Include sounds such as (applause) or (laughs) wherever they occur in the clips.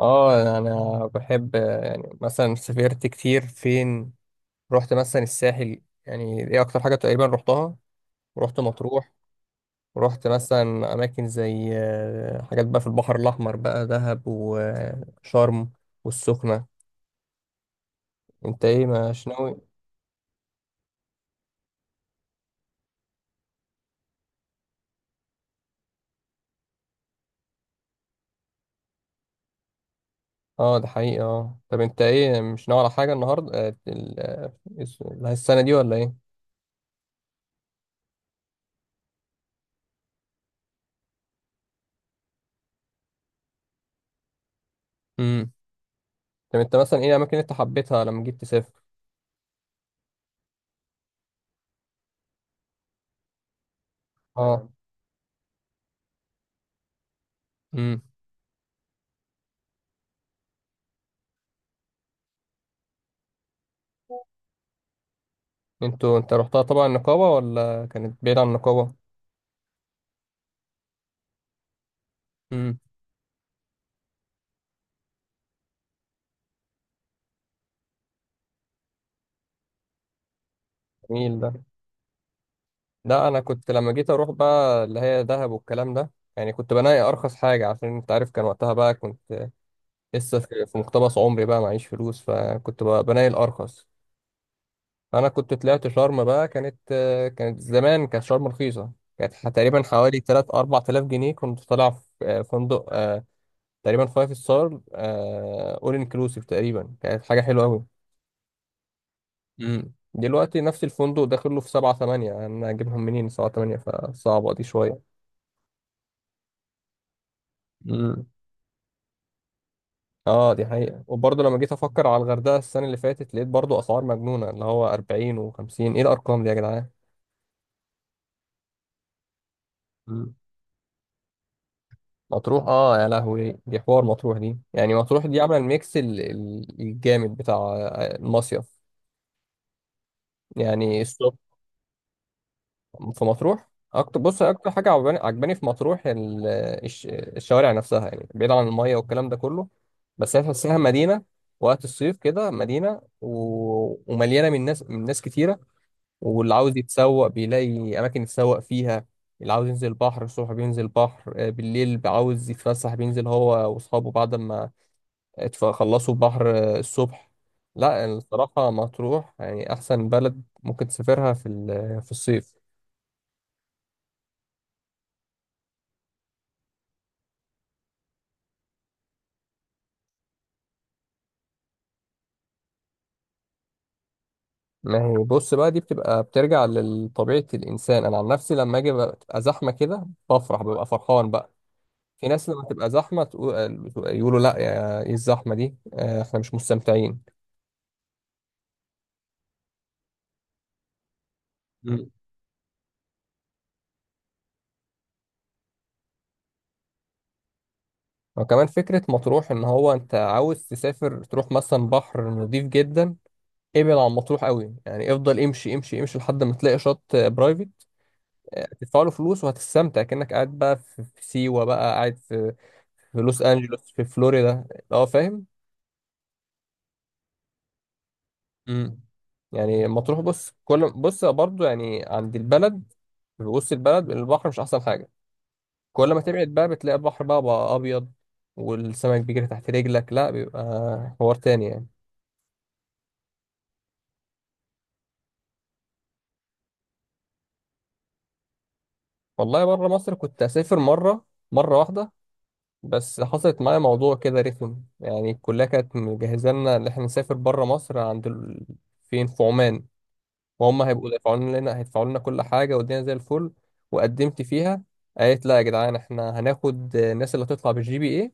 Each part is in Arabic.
اه، انا بحب، يعني مثلا سافرت كتير فين. رحت مثلا الساحل، يعني دي اكتر حاجه تقريبا رحتها. ورحت مطروح. ورحت مثلا اماكن زي حاجات بقى في البحر الاحمر، بقى دهب وشرم والسخنه. انت ايه؟ مش ناوي؟ اه ده حقيقي. اه طب انت ايه؟ مش ناوي على حاجه النهارده؟ السنه دي ولا ايه؟ امم. طب انت مثلا ايه الاماكن اللي انت حبيتها لما جيت تسافر؟ اه. امم. انتوا انت رحتها طبعا النقابة، ولا كانت بعيدة عن النقابة؟ امم. جميل ده. لا انا كنت لما جيت اروح بقى اللي هي دهب والكلام ده، يعني كنت بناقي ارخص حاجة، عشان انت عارف كان وقتها بقى كنت لسه في مقتبس عمري بقى، معيش فلوس، فكنت بقى بناقي الارخص. انا كنت طلعت شرم بقى، كانت زمان، كانت شرم رخيصة. كانت تقريبا حوالي 3 4000 جنيه، كنت طالع في فندق، تقريبا فايف ستار اول انكلوسيف، تقريبا كانت حاجة حلوة قوي. دلوقتي نفس الفندق داخل له في سبعة تمانية، أنا أجيبهم منين سبعة تمانية؟ فصعبة دي شوية. مم. أه دي حقيقة. وبرضه لما جيت أفكر على الغردقة السنة اللي فاتت لقيت برضه أسعار مجنونة، اللي هو أربعين وخمسين، إيه الأرقام دي يا جدعان؟ مم. مطروح، أه يا لهوي، دي حوار، مطروح دي يعني، مطروح دي عاملة الميكس الجامد بتاع المصيف. يعني الصبح في مطروح، اكتر، بص اكتر حاجه عجباني في مطروح الشوارع نفسها، يعني بعيد عن الميه والكلام ده كله، بس هي تحسها مدينه وقت الصيف كده، مدينه ومليانه من ناس كتيره. واللي عاوز يتسوق بيلاقي اماكن يتسوق فيها. اللي عاوز ينزل البحر الصبح بينزل البحر، بالليل عاوز يتفسح بينزل هو واصحابه بعد ما خلصوا البحر الصبح. لا الصراحه مطروح يعني احسن بلد ممكن تسافرها في في الصيف. ما هي بص بقى، دي بتبقى بترجع لطبيعة الإنسان. أنا عن نفسي لما أجي بقى تبقى زحمة كده بفرح، ببقى فرحان بقى. في ناس لما تبقى زحمة تقول، يقولوا لا يا، إيه الزحمة دي؟ إحنا مش مستمتعين. مم. وكمان فكرة مطروح، إن هو أنت عاوز تسافر تروح مثلا بحر نظيف جدا، ابعد عن مطروح قوي، يعني افضل امشي امشي امشي لحد ما تلاقي شط برايفت، هتدفع له فلوس وهتستمتع كأنك قاعد بقى في سيوة، بقى قاعد في في لوس أنجلوس، في فلوريدا. اه فاهم. امم. يعني مطروح بص كل، بص برضو يعني عند البلد، في وسط البلد البحر مش احسن حاجه. كل ما تبعد بقى بتلاقي البحر بقى ابيض، والسمك بيجري تحت رجلك، لا بيبقى حوار تاني يعني. والله بره مصر كنت اسافر مره، مره واحده. بس حصلت معايا موضوع كده رخم، يعني الكليه كانت مجهزه لنا ان احنا نسافر بره مصر عند فين، في عمان. وهم هيبقوا دافعوا لنا هيدفعوا لنا كل حاجه والدنيا زي الفل. وقدمت فيها. قالت لا يا جدعان، احنا هناخد الناس اللي هتطلع بالجي بي اي،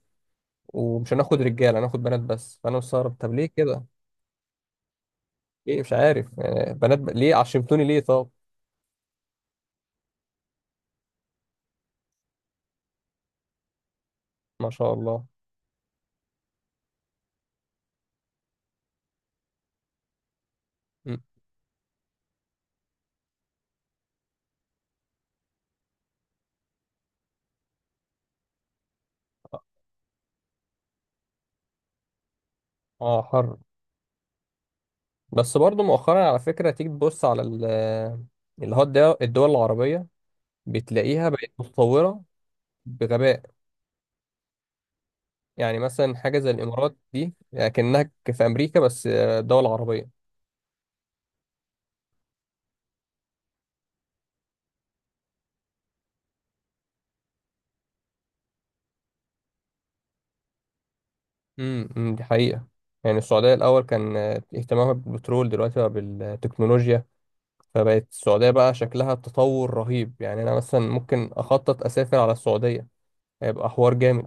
ومش هناخد رجاله، هناخد بنات بس. فانا مستغرب، طب ليه كده؟ ايه؟ مش عارف يعني، بنات ليه؟ عشمتوني ليه طب؟ ما شاء الله. م. اه حر. بس برضو مؤخرا على فكره تيجي تبص على اللي هو الدول العربيه، بتلاقيها بقت متطوره بغباء. يعني مثلا حاجه زي الامارات دي لكنها في امريكا، بس دول عربيه. امم. دي حقيقة. يعني السعودية الأول كان اهتمامها بالبترول، دلوقتي بقى بالتكنولوجيا. فبقت السعودية بقى شكلها تطور رهيب. يعني أنا مثلا ممكن أخطط أسافر على السعودية، هيبقى حوار جامد.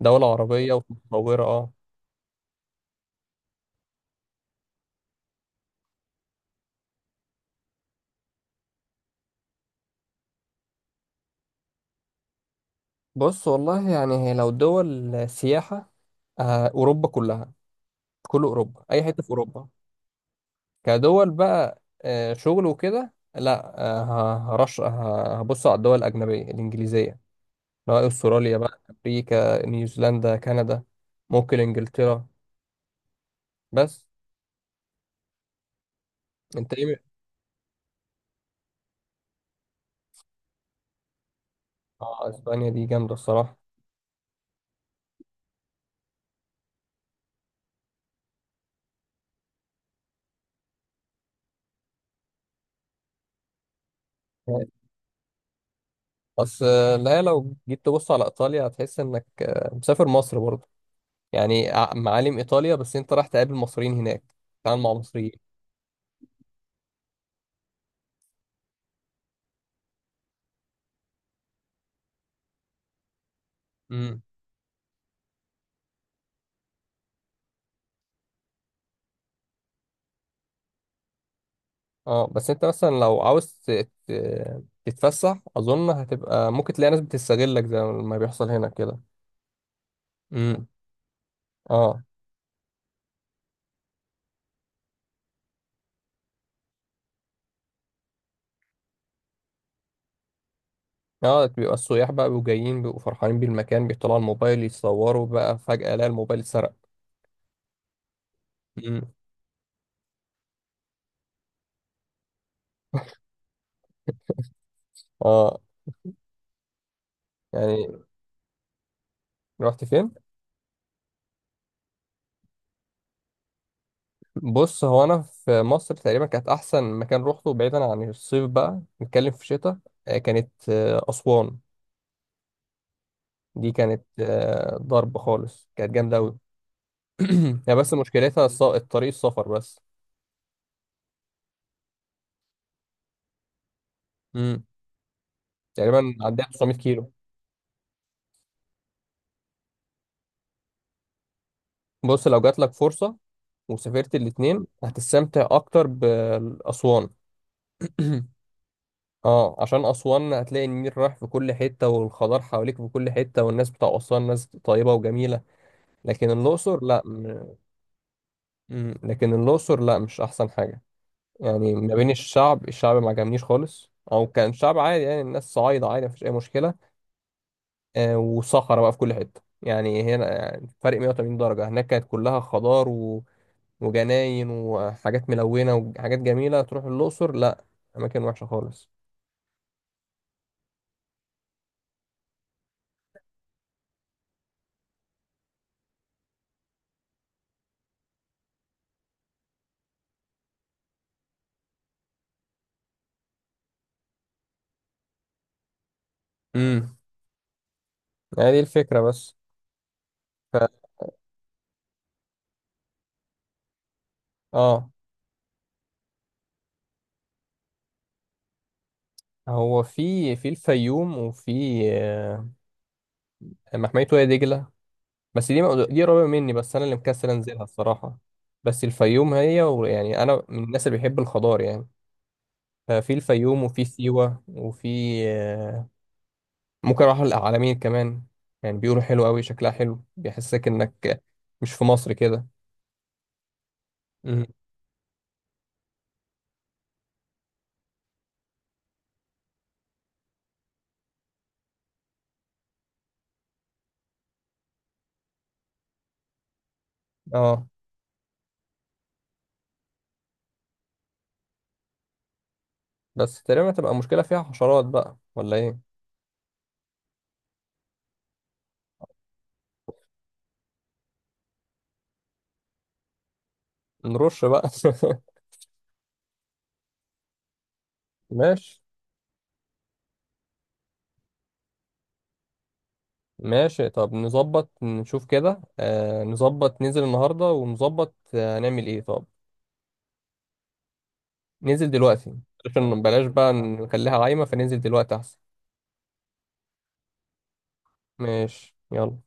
دولة عربية ومتطورة، اه. بص والله يعني هي لو دول سياحة، أوروبا كلها. كل أوروبا، أي حتة في أوروبا. كدول بقى شغل وكده، لا هرش، هبص على الدول الأجنبية الإنجليزية، سواء استراليا بقى، امريكا، نيوزيلندا، كندا، ممكن انجلترا. بس، انت ايه؟ اه اسبانيا دي جامده الصراحه. بس لا لو جيت تبص على ايطاليا هتحس انك مسافر مصر برضه. يعني معالم ايطاليا، بس انت رايح تقابل مصريين هناك، تتعامل مع مصريين. امم. اه بس انت مثلا لو عاوز تتفسح اظن هتبقى، ممكن تلاقي ناس بتستغلك زي ما بيحصل هنا كده. امم. اه. اه بيبقى السياح بقى بيبقوا جايين، بيبقوا فرحانين بالمكان، بيطلعوا الموبايل يتصوروا بقى، فجأة لا الموبايل اتسرق. مم. اه يعني. رحت فين؟ بص هو انا في مصر تقريبا كانت احسن مكان روحته، بعيدا عن الصيف بقى نتكلم في الشتاء، كانت اسوان. دي كانت ضرب خالص، كانت جامده قوي. (clears throat) هي بس مشكلتها الطريق، السفر بس. مم. تقريبا عندها 900 كيلو. بص لو جات لك فرصه وسافرت الاتنين هتستمتع اكتر باسوان. (clears throat) اه عشان اسوان هتلاقي النيل رايح في كل حته، والخضار حواليك في كل حته، والناس بتاع اسوان ناس طيبه وجميله. لكن الاقصر لا لكن الاقصر لا، مش احسن حاجه. يعني ما بين الشعب، الشعب ما عجبنيش خالص، او كان شعب عادي يعني، الناس صعايده عادي مفيش اي مشكله. آه وصخره بقى في كل حته، يعني هنا يعني فرق 180 درجه، هناك كانت كلها خضار وجناين وحاجات ملونه وحاجات جميله، تروح الاقصر لا، اماكن وحشه خالص. امم. يعني دي الفكره بس. ف... اه هو في الفيوم، وفي آه، محمية وادي دجلة. بس دي قريبة مني، بس أنا اللي مكسل أنزلها الصراحة. بس الفيوم هي، ويعني أنا من الناس اللي بيحب الخضار يعني. ففي الفيوم وفي سيوة وفي آه، ممكن أروح العلمين كمان. يعني بيقولوا حلو أوي، شكلها حلو، بيحسسك إنك مش في مصر كده. مم. اه بس تقريبا هتبقى مشكلة فيها حشرات بقى ولا إيه؟ نرش بقى. (laughs) ماشي. ماشي طب نظبط، نشوف كده آه، نظبط ننزل النهاردة، ونظبط آه هنعمل ايه طب. ننزل دلوقتي عشان بلاش بقى نخليها عايمة، فننزل دلوقتي احسن. ماشي يلا.